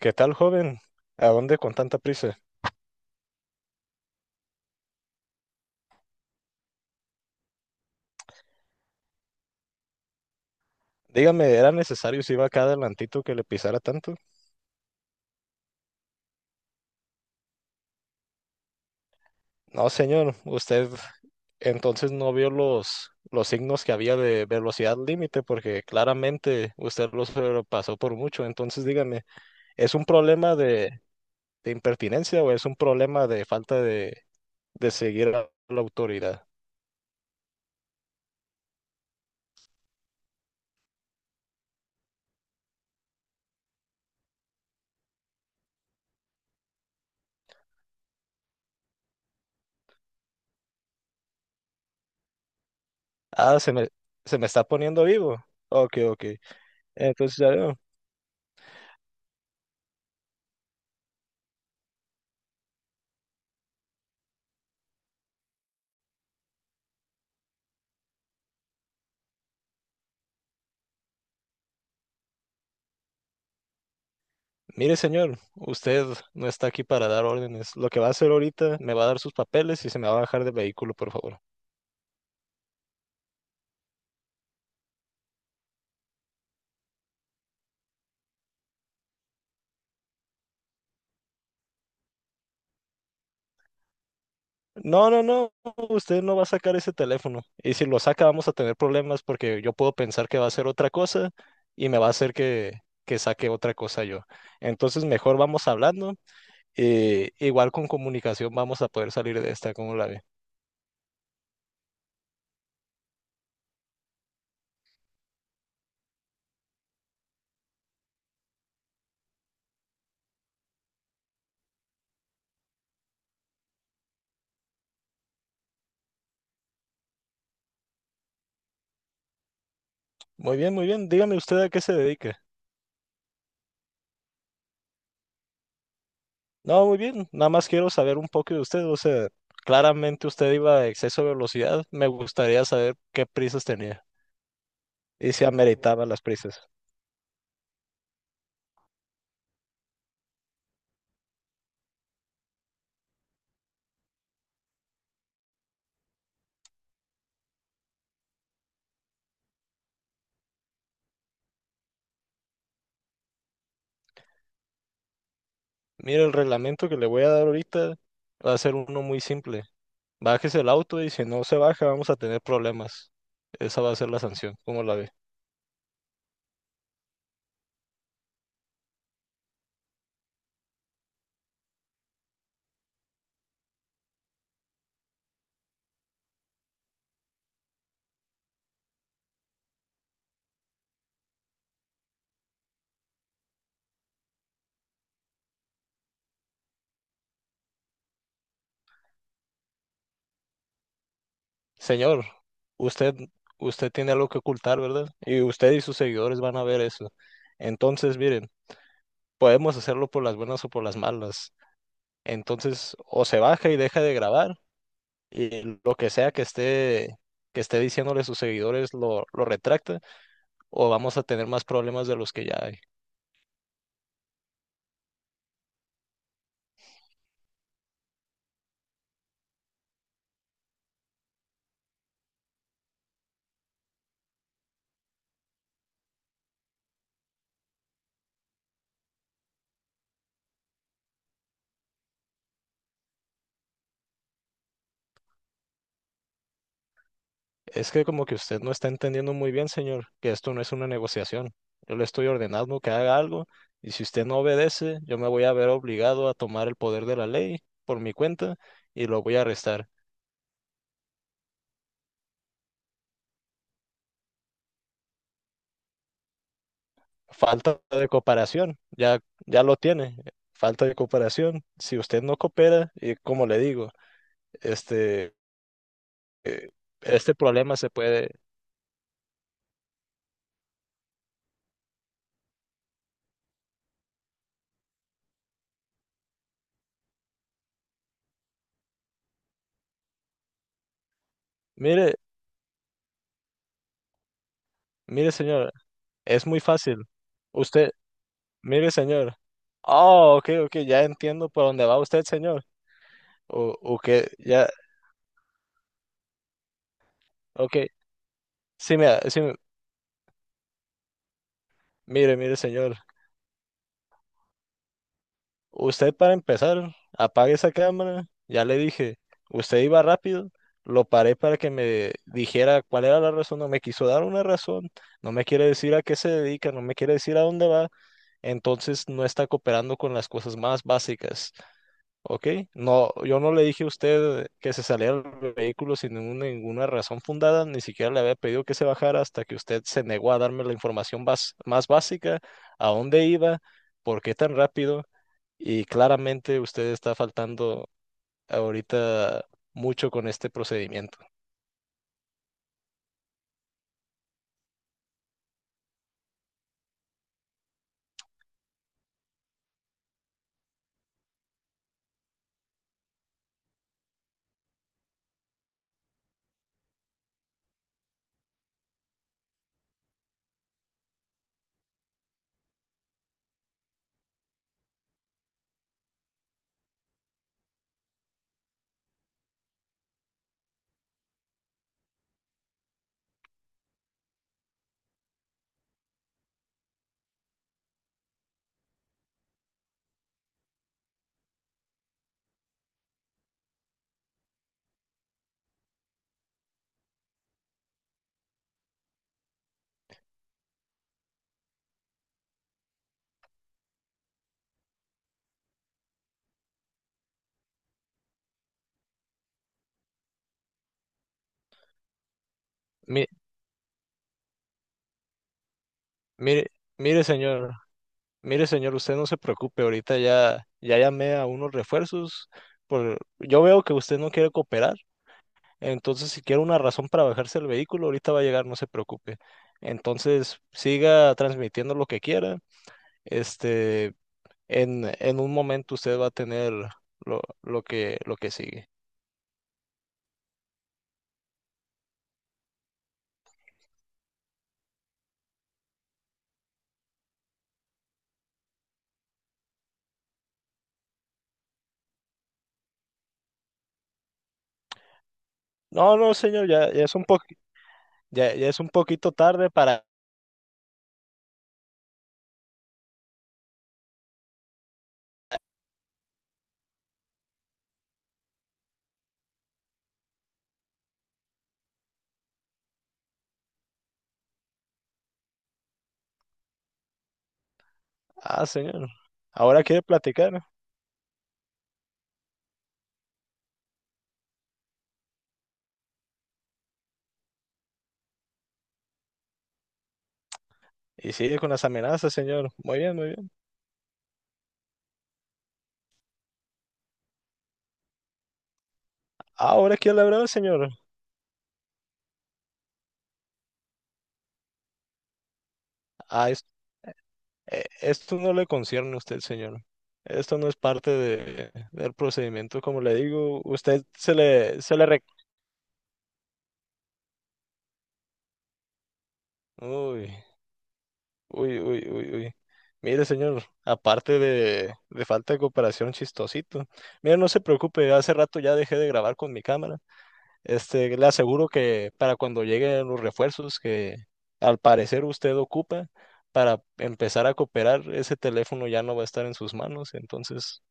¿Qué tal, joven? ¿A dónde con tanta prisa? Dígame, ¿era necesario si iba acá adelantito que le pisara tanto? No, señor, usted entonces no vio los signos que había de velocidad límite porque claramente usted los pasó por mucho. Entonces, dígame, ¿es un problema de impertinencia o es un problema de falta de seguir a la autoridad? Ah, se me, Se me está poniendo vivo. Ok, ok. Entonces, ya veo. Mire, señor, usted no está aquí para dar órdenes. Lo que va a hacer ahorita, me va a dar sus papeles y se me va a bajar del vehículo, por favor. No, no, no, usted no va a sacar ese teléfono. Y si lo saca, vamos a tener problemas porque yo puedo pensar que va a hacer otra cosa y me va a hacer que saque otra cosa yo. Entonces, mejor vamos hablando y igual con comunicación vamos a poder salir de esta, ¿cómo la ve? Muy bien, muy bien. Dígame usted a qué se dedica. No, muy bien. Nada más quiero saber un poco de usted. O sea, claramente usted iba a exceso de velocidad. Me gustaría saber qué prisas tenía y si ameritaba las prisas. Mire, el reglamento que le voy a dar ahorita va a ser uno muy simple. Bájese el auto y si no se baja vamos a tener problemas. Esa va a ser la sanción. ¿Cómo la ve? Señor, usted, usted tiene algo que ocultar, ¿verdad? Y usted y sus seguidores van a ver eso. Entonces, miren, podemos hacerlo por las buenas o por las malas. Entonces, o se baja y deja de grabar y lo que sea que esté diciéndole a sus seguidores lo retracta o vamos a tener más problemas de los que ya hay. Es que como que usted no está entendiendo muy bien, señor, que esto no es una negociación. Yo le estoy ordenando que haga algo y si usted no obedece, yo me voy a ver obligado a tomar el poder de la ley por mi cuenta y lo voy a arrestar. Falta de cooperación, ya lo tiene. Falta de cooperación. Si usted no coopera, y como le digo, este eh, este problema se puede. Mire, mire, señor, es muy fácil. Usted, mire, señor. Oh, ok, ok, ya entiendo por dónde va usted, señor. O, o que ya, ok. Sí, mira, sí, mire, señor. Usted para empezar, apague esa cámara. Ya le dije, usted iba rápido. Lo paré para que me dijera cuál era la razón. No me quiso dar una razón. No me quiere decir a qué se dedica. No me quiere decir a dónde va. Entonces no está cooperando con las cosas más básicas. Ok, no, yo no le dije a usted que se saliera del vehículo sin ninguna razón fundada, ni siquiera le había pedido que se bajara hasta que usted se negó a darme la información más básica, a dónde iba, por qué tan rápido, y claramente usted está faltando ahorita mucho con este procedimiento. Mi- mire, mire señor, mire señor, usted no se preocupe, ahorita ya llamé a unos refuerzos, yo veo que usted no quiere cooperar. Entonces, si quiere una razón para bajarse el vehículo, ahorita va a llegar, no se preocupe. Entonces, siga transmitiendo lo que quiera. Este, en un momento usted va a tener lo que sigue. No, no, señor, ya, ya es un poquito tarde para. Ah, señor. Ahora quiere platicar. Y sigue con las amenazas, señor. Muy bien, muy bien. Ahora quiere hablar, señor. Ah, eh, esto no le concierne a usted, señor. Esto no es parte del procedimiento, como le digo. Usted se le rec- uy, uy, uy, uy, uy. Mire, señor, aparte de falta de cooperación, chistosito. Mire, no se preocupe, hace rato ya dejé de grabar con mi cámara. Este, le aseguro que para cuando lleguen los refuerzos que al parecer usted ocupa para empezar a cooperar, ese teléfono ya no va a estar en sus manos. Entonces,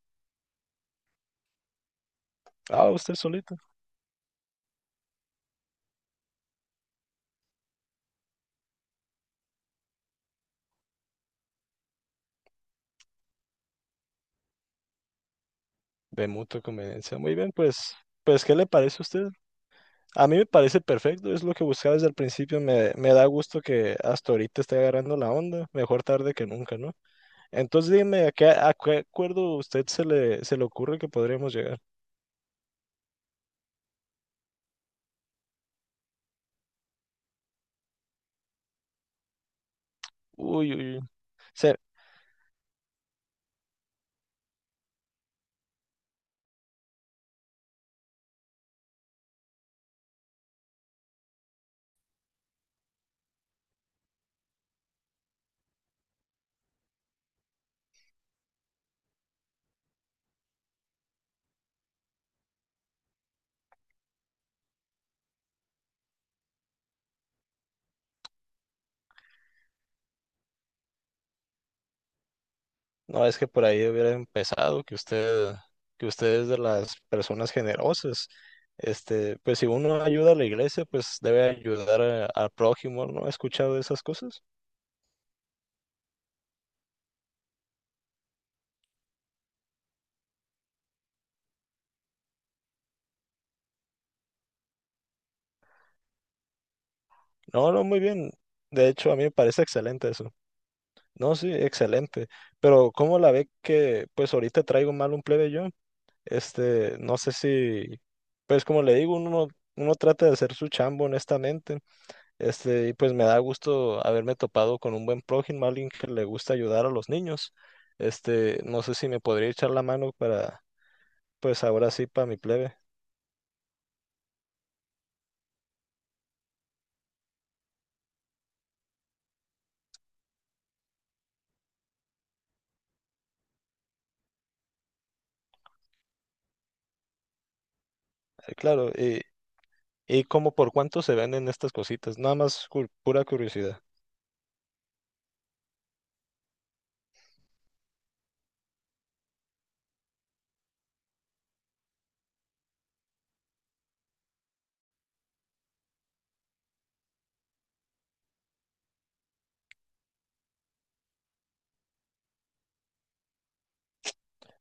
ah, usted solito. De mutua conveniencia. Muy bien, pues, pues, ¿qué le parece a usted? A mí me parece perfecto, es lo que buscaba desde el principio. Me da gusto que hasta ahorita esté agarrando la onda, mejor tarde que nunca, ¿no? Entonces dime, ¿a qué acuerdo usted se le ocurre que podríamos llegar? Uy, uy, uy. Se- no, es que por ahí hubiera empezado, que usted es de las personas generosas. Este, pues si uno ayuda a la iglesia, pues debe ayudar al prójimo, ¿no? ¿Ha escuchado esas cosas? No, no, muy bien. De hecho, a mí me parece excelente eso. No, sí, excelente. Pero ¿cómo la ve que pues ahorita traigo mal un plebe yo? Este, no sé si, pues como le digo, uno trata de hacer su chambo honestamente. Este, y pues me da gusto haberme topado con un buen prójimo, alguien que le gusta ayudar a los niños. Este, no sé si me podría echar la mano para, pues ahora sí, para mi plebe. Claro, y como por cuánto se venden estas cositas, nada más pura curiosidad.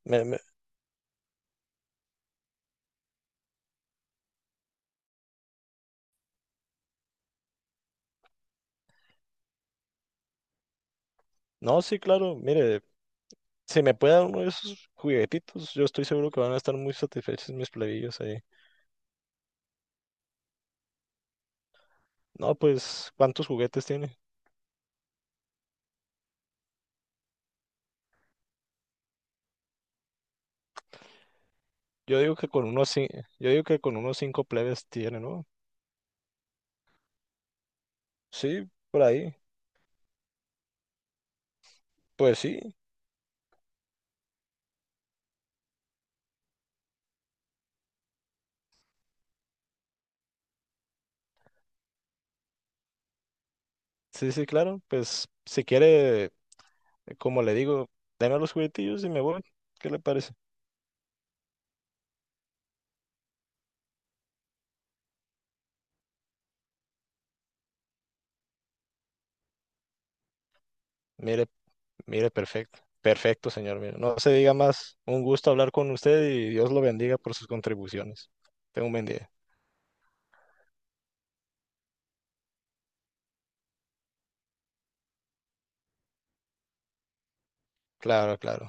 Me, No, sí, claro, mire, si me puede dar uno de esos juguetitos, yo estoy seguro que van a estar muy satisfechos mis plebillos ahí. No, pues, ¿cuántos juguetes tiene? Yo digo que con unos cinco, yo digo que con unos cinco plebes tiene, ¿no? Sí, por ahí. Pues sí, claro. Pues si quiere, como le digo, deme los juguetillos y me voy. ¿Qué le parece? Mire, mire, perfecto. Perfecto, señor. Mire, no se diga más. Un gusto hablar con usted y Dios lo bendiga por sus contribuciones. Tengo un buen día. Claro, claro.